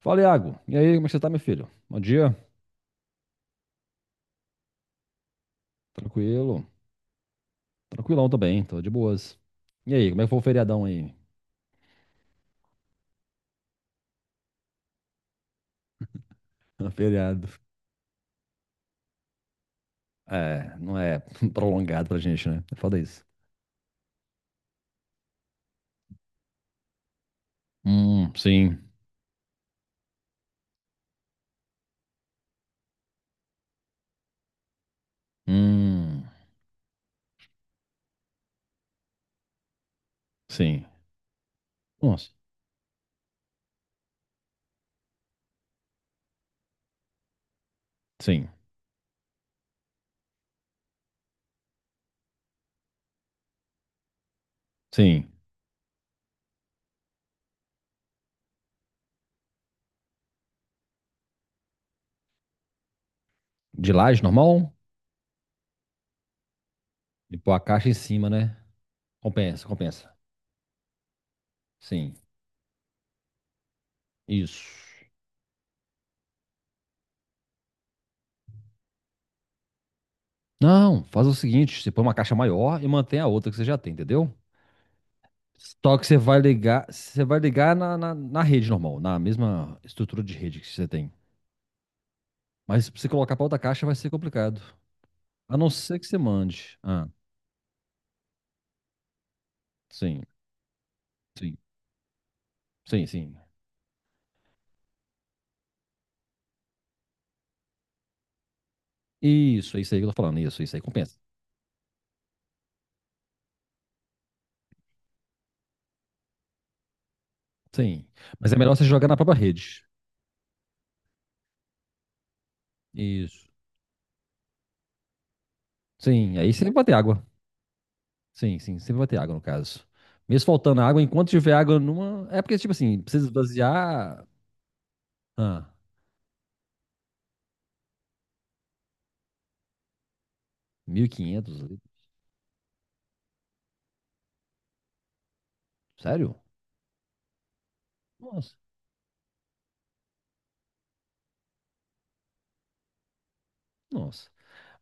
Fala, Iago. E aí, como é que você tá, meu filho? Bom dia. Tranquilo. Tranquilão também, tô de boas. E aí, como é que foi o feriadão aí? Feriado. É, não é prolongado pra gente, né? É foda isso. Sim. Hum, sim. Nossa, sim. Sim. De laje, normal? E pôr a caixa em cima, né? Compensa, compensa. Sim. Isso. Não, faz o seguinte, você põe uma caixa maior e mantém a outra que você já tem, entendeu? Só que você vai ligar na rede normal, na mesma estrutura de rede que você tem. Mas pra você colocar pra outra caixa vai ser complicado. A não ser que você mande. Ah, sim, sim, sim, sim. Isso, é isso aí que eu tô falando. Isso aí compensa. Sim. Mas é melhor você jogar na própria rede. Isso. Sim, aí sempre vai ter água. Sim, sim, sempre vai ter água no caso. Mesmo faltando água, enquanto tiver água numa. É porque, tipo assim, precisa esvaziar. Ah, 1.500 litros. Sério? Nossa, nossa.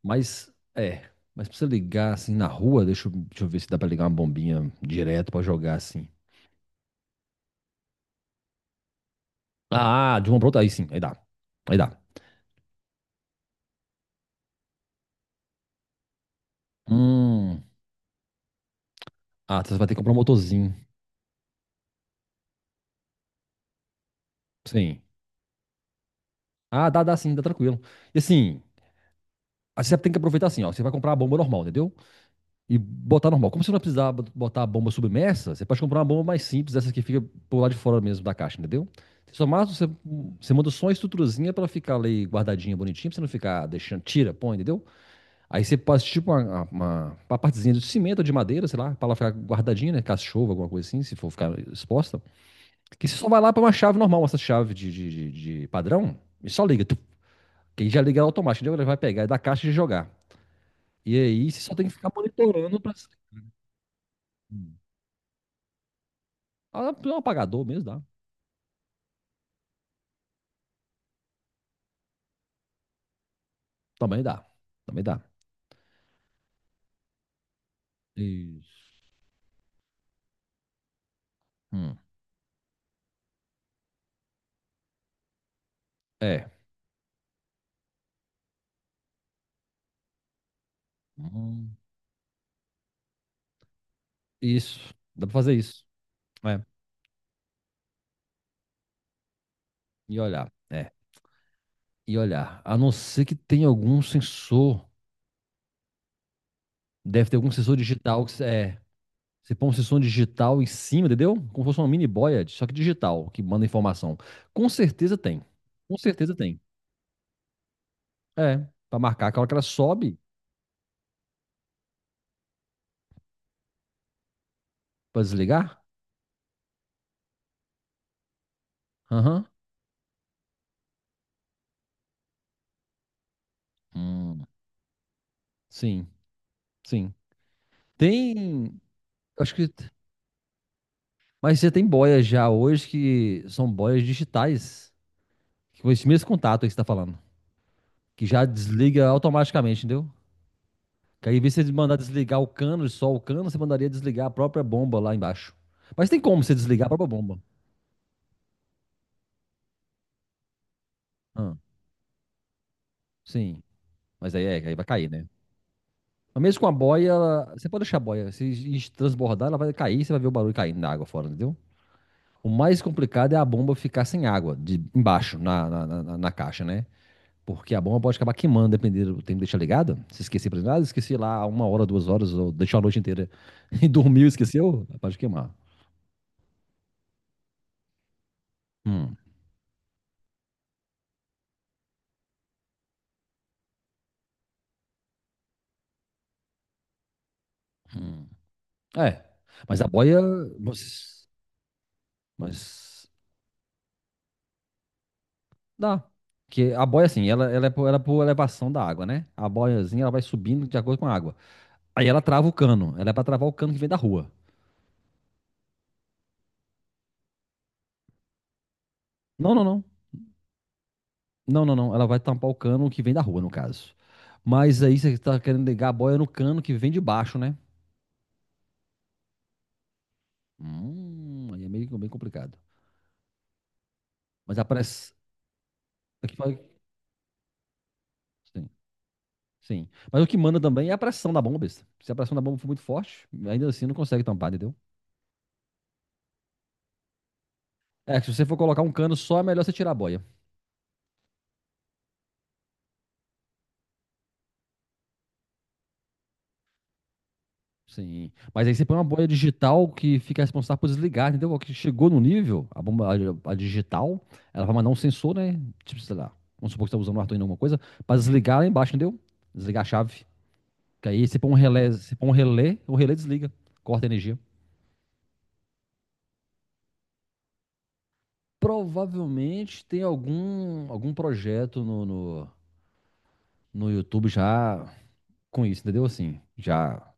Mas, é. Mas pra você ligar assim na rua, deixa eu ver se dá pra ligar uma bombinha direto pra jogar assim. Ah, de uma pra outra, aí sim, aí dá. Aí dá. Hum. Ah, você vai ter que comprar um motorzinho. Sim. Ah, dá, dá sim, dá tranquilo. E assim, aí você tem que aproveitar assim, ó. Você vai comprar a bomba normal, entendeu? E botar normal. Como você não vai precisar botar a bomba submersa, você pode comprar uma bomba mais simples, essa que fica por lá de fora mesmo da caixa, entendeu? Você só mais você manda só uma estruturazinha pra ela ficar ali guardadinha, bonitinha, pra você não ficar deixando, tira, põe, entendeu? Aí você passa tipo uma partezinha de cimento ou de madeira, sei lá, pra ela ficar guardadinha, né? Caso alguma coisa assim, se for ficar exposta. Que você só vai lá pra uma chave normal, essa chave de padrão, e só liga. Tu, que aí já liga automático, entendeu? Ele vai pegar da caixa e jogar. E aí você só tem que ficar monitorando pra. Ah, é um apagador mesmo dá. Também dá. Também dá. Isso. Hum. É. Hum. Isso. Dá pra fazer isso. É. E olhar. É. E olhar. A não ser que tenha algum sensor. Deve ter algum sensor digital que você- é. Você põe um sensor digital em cima, entendeu? Como se fosse uma mini boia, só que digital, que manda informação. Com certeza tem. Com certeza tem. É, pra marcar que a hora que ela sobe, pra desligar. Aham. Hum, sim, sim. Tem, acho que, mas você tem boias já hoje que são boias digitais, com esse mesmo contato aí que você tá falando, que já desliga automaticamente, entendeu? Que aí, em vez de você mandar desligar o cano, só o cano, você mandaria desligar a própria bomba lá embaixo. Mas tem como você desligar a própria bomba. Ah, sim. Mas aí, é, aí vai cair, né? Mas mesmo com a boia, você pode deixar a boia. Se transbordar, ela vai cair, você vai ver o barulho caindo na água fora, entendeu? O mais complicado é a bomba ficar sem água, de embaixo, na caixa, né? Porque a bomba pode acabar queimando, dependendo do tempo que deixar ligada. Se esquecer por exemplo, ah, esqueci lá uma hora, 2 horas, ou deixou a noite inteira e dormiu, esqueceu, pode queimar. Hum, hum. É, mas a boia, mas, mas dá. Porque a boia, assim, ela, ela é por elevação da água, né? A boiazinha, ela vai subindo de acordo com a água. Aí ela trava o cano. Ela é pra travar o cano que vem da rua. Não, não, não. Não, não, não. Ela vai tampar o cano que vem da rua, no caso. Mas aí você tá querendo ligar a boia no cano que vem de baixo, né? Aí é meio bem complicado. Mas a pressão... Sim, sim. Mas o que manda também é a pressão da bomba, besta. Se a pressão da bomba for muito forte, ainda assim não consegue tampar, entendeu? É, que se você for colocar um cano só, é melhor você tirar a boia. Sim. Mas aí você põe uma boia digital que fica responsável por desligar, entendeu? Que chegou no nível, a bomba a digital, ela vai mandar um sensor, né? Tipo, sei lá, vamos supor que você está usando o Arduino em alguma coisa, para desligar lá embaixo, entendeu? Desligar a chave. Que aí você põe um relé, o relé desliga, corta a energia. Provavelmente tem algum projeto no YouTube já com isso, entendeu? Assim, já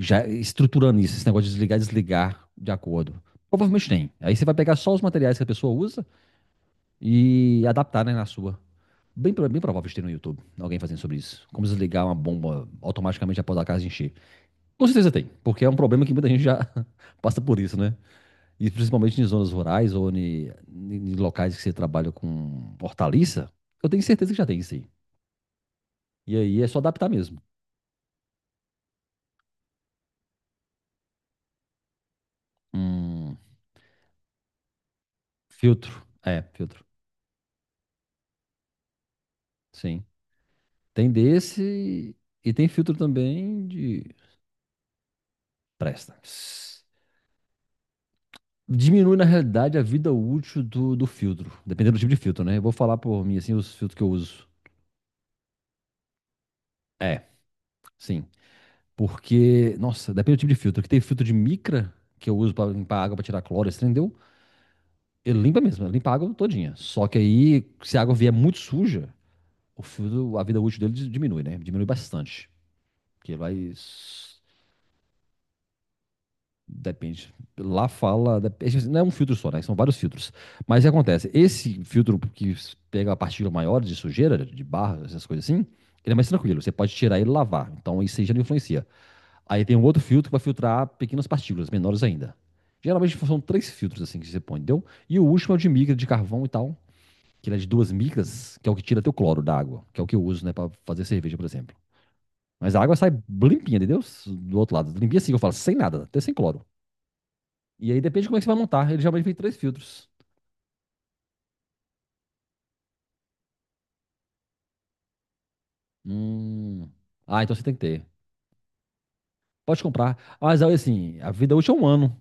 já estruturando isso, esse negócio de desligar e desligar de acordo. Provavelmente tem. Aí você vai pegar só os materiais que a pessoa usa e adaptar, né, na sua. Bem, bem provável de ter no YouTube alguém fazendo sobre isso. Como desligar uma bomba automaticamente após a casa encher. Com certeza tem, porque é um problema que muita gente já passa por isso, né? E principalmente em zonas rurais ou em locais que você trabalha com hortaliça, eu tenho certeza que já tem isso aí. E aí é só adaptar mesmo. Hum, filtro. É, filtro. Sim. Tem desse e tem filtro também de. Presta. Diminui, na realidade, a vida útil do filtro, dependendo do tipo de filtro, né? Eu vou falar por mim, assim, os filtros que eu uso. É, sim. Porque, nossa, depende do tipo de filtro. Que tem filtro de micra, que eu uso pra limpar água, pra tirar cloro, esse trem deu. Ele limpa mesmo, ele limpa a água todinha. Só que aí, se a água vier muito suja, o filtro, a vida útil dele diminui, né? Diminui bastante. Porque ele vai s-. Depende. Lá fala. Não é um filtro só, né? São vários filtros. Mas o que acontece? Esse filtro que pega a partícula maior de sujeira, de barro, essas coisas assim, ele é mais tranquilo. Você pode tirar ele e lavar. Então isso aí já não influencia. Aí tem um outro filtro que vai filtrar pequenas partículas, menores ainda. Geralmente são três filtros assim que você põe, entendeu? E o último é o de micra, de carvão e tal, que ele é de 2 micras, que é o que tira teu cloro da água, que é o que eu uso, né, pra fazer cerveja, por exemplo. Mas a água sai limpinha, entendeu? Do outro lado. Limpinha assim, eu falo, sem nada, até sem cloro. E aí depende de como é que você vai montar. Ele geralmente vem três filtros. Hum. Ah, então você tem que ter. Pode comprar. Mas aí, assim, a vida útil é um ano.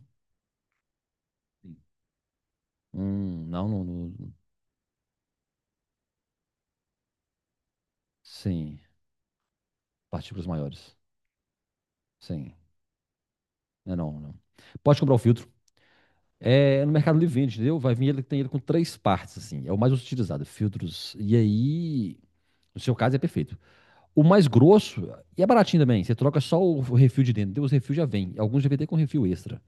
Não, não, não. Sim. Partículas maiores. Sim. Não, é não, não. Pode comprar o filtro. É no Mercado Livre vende, entendeu? Vai vir ele tem ele com três partes, assim. É o mais utilizado, filtros. E aí, no seu caso, é perfeito. O mais grosso, e é baratinho também. Você troca só o refil de dentro. Então, os refil já vem. Alguns já vêm até com refil extra.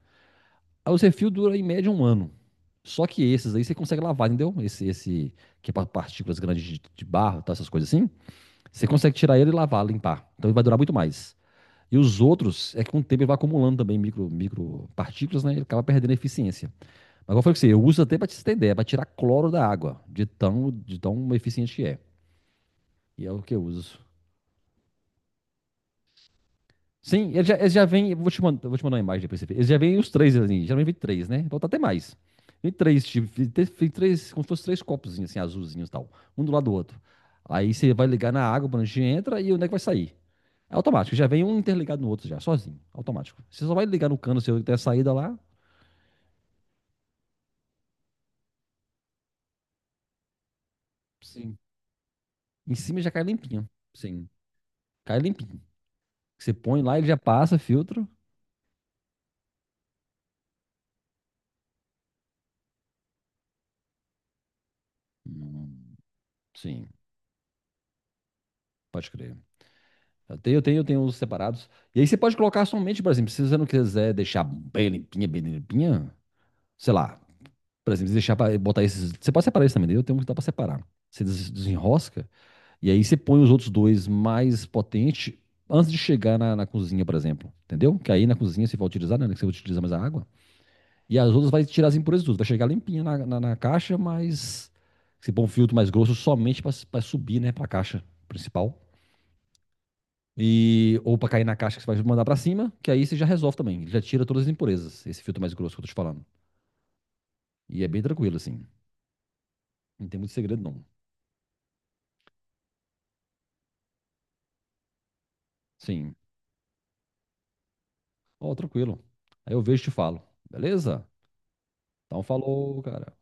Aí os refil dura em média um ano. Só que esses aí você consegue lavar, entendeu? Esse que é para partículas grandes de barro, tá, essas coisas assim. Você consegue tirar ele e lavar, limpar. Então ele vai durar muito mais. E os outros, é que com o tempo ele vai acumulando também micro partículas, né? Ele acaba perdendo a eficiência. Mas como eu falei com você, eu uso até para te ter ideia, para tirar cloro da água, de tão eficiente que é. E é o que eu uso. Sim, eles já vêm. Vou te mandar uma imagem depois. Pra você ver. Eles já vêm os três ali. Geralmente vem três, né? Então tá até mais. Vem três, tipo, vem três, como se fosse três copozinhos, assim, azulzinhos e tal. Um do lado do outro. Aí você vai ligar na água, o prancha entra e o nego vai sair. É automático. Já vem um interligado no outro já, sozinho. Automático. Você só vai ligar no cano seu que tem a saída lá. Sim. Em cima já cai limpinho. Sim. Cai limpinho. Você põe lá, ele já passa, filtro. Hum, Sim, pode crer. Eu tenho os separados. E aí você pode colocar somente, por exemplo, se você não quiser deixar bem limpinha, sei lá, por exemplo, deixar para botar esses. Você pode separar isso também, né? Eu tenho um que dá para separar. Você desenrosca e aí você põe os outros dois mais potentes antes de chegar na cozinha, por exemplo. Entendeu? Que aí na cozinha você vai utilizar, né? Que você utiliza mais a água. E as outras vai tirar as impurezas tudo. Vai chegar limpinha na caixa, mas você põe um filtro mais grosso somente para subir, né, para a caixa principal. E, ou para cair na caixa que você vai mandar para cima, que aí você já resolve também. Ele já tira todas as impurezas, esse filtro mais grosso que eu tô te falando. E é bem tranquilo, assim. Não tem muito segredo, não. Sim. Ó, tranquilo. Aí eu vejo e te falo. Beleza? Então falou, cara.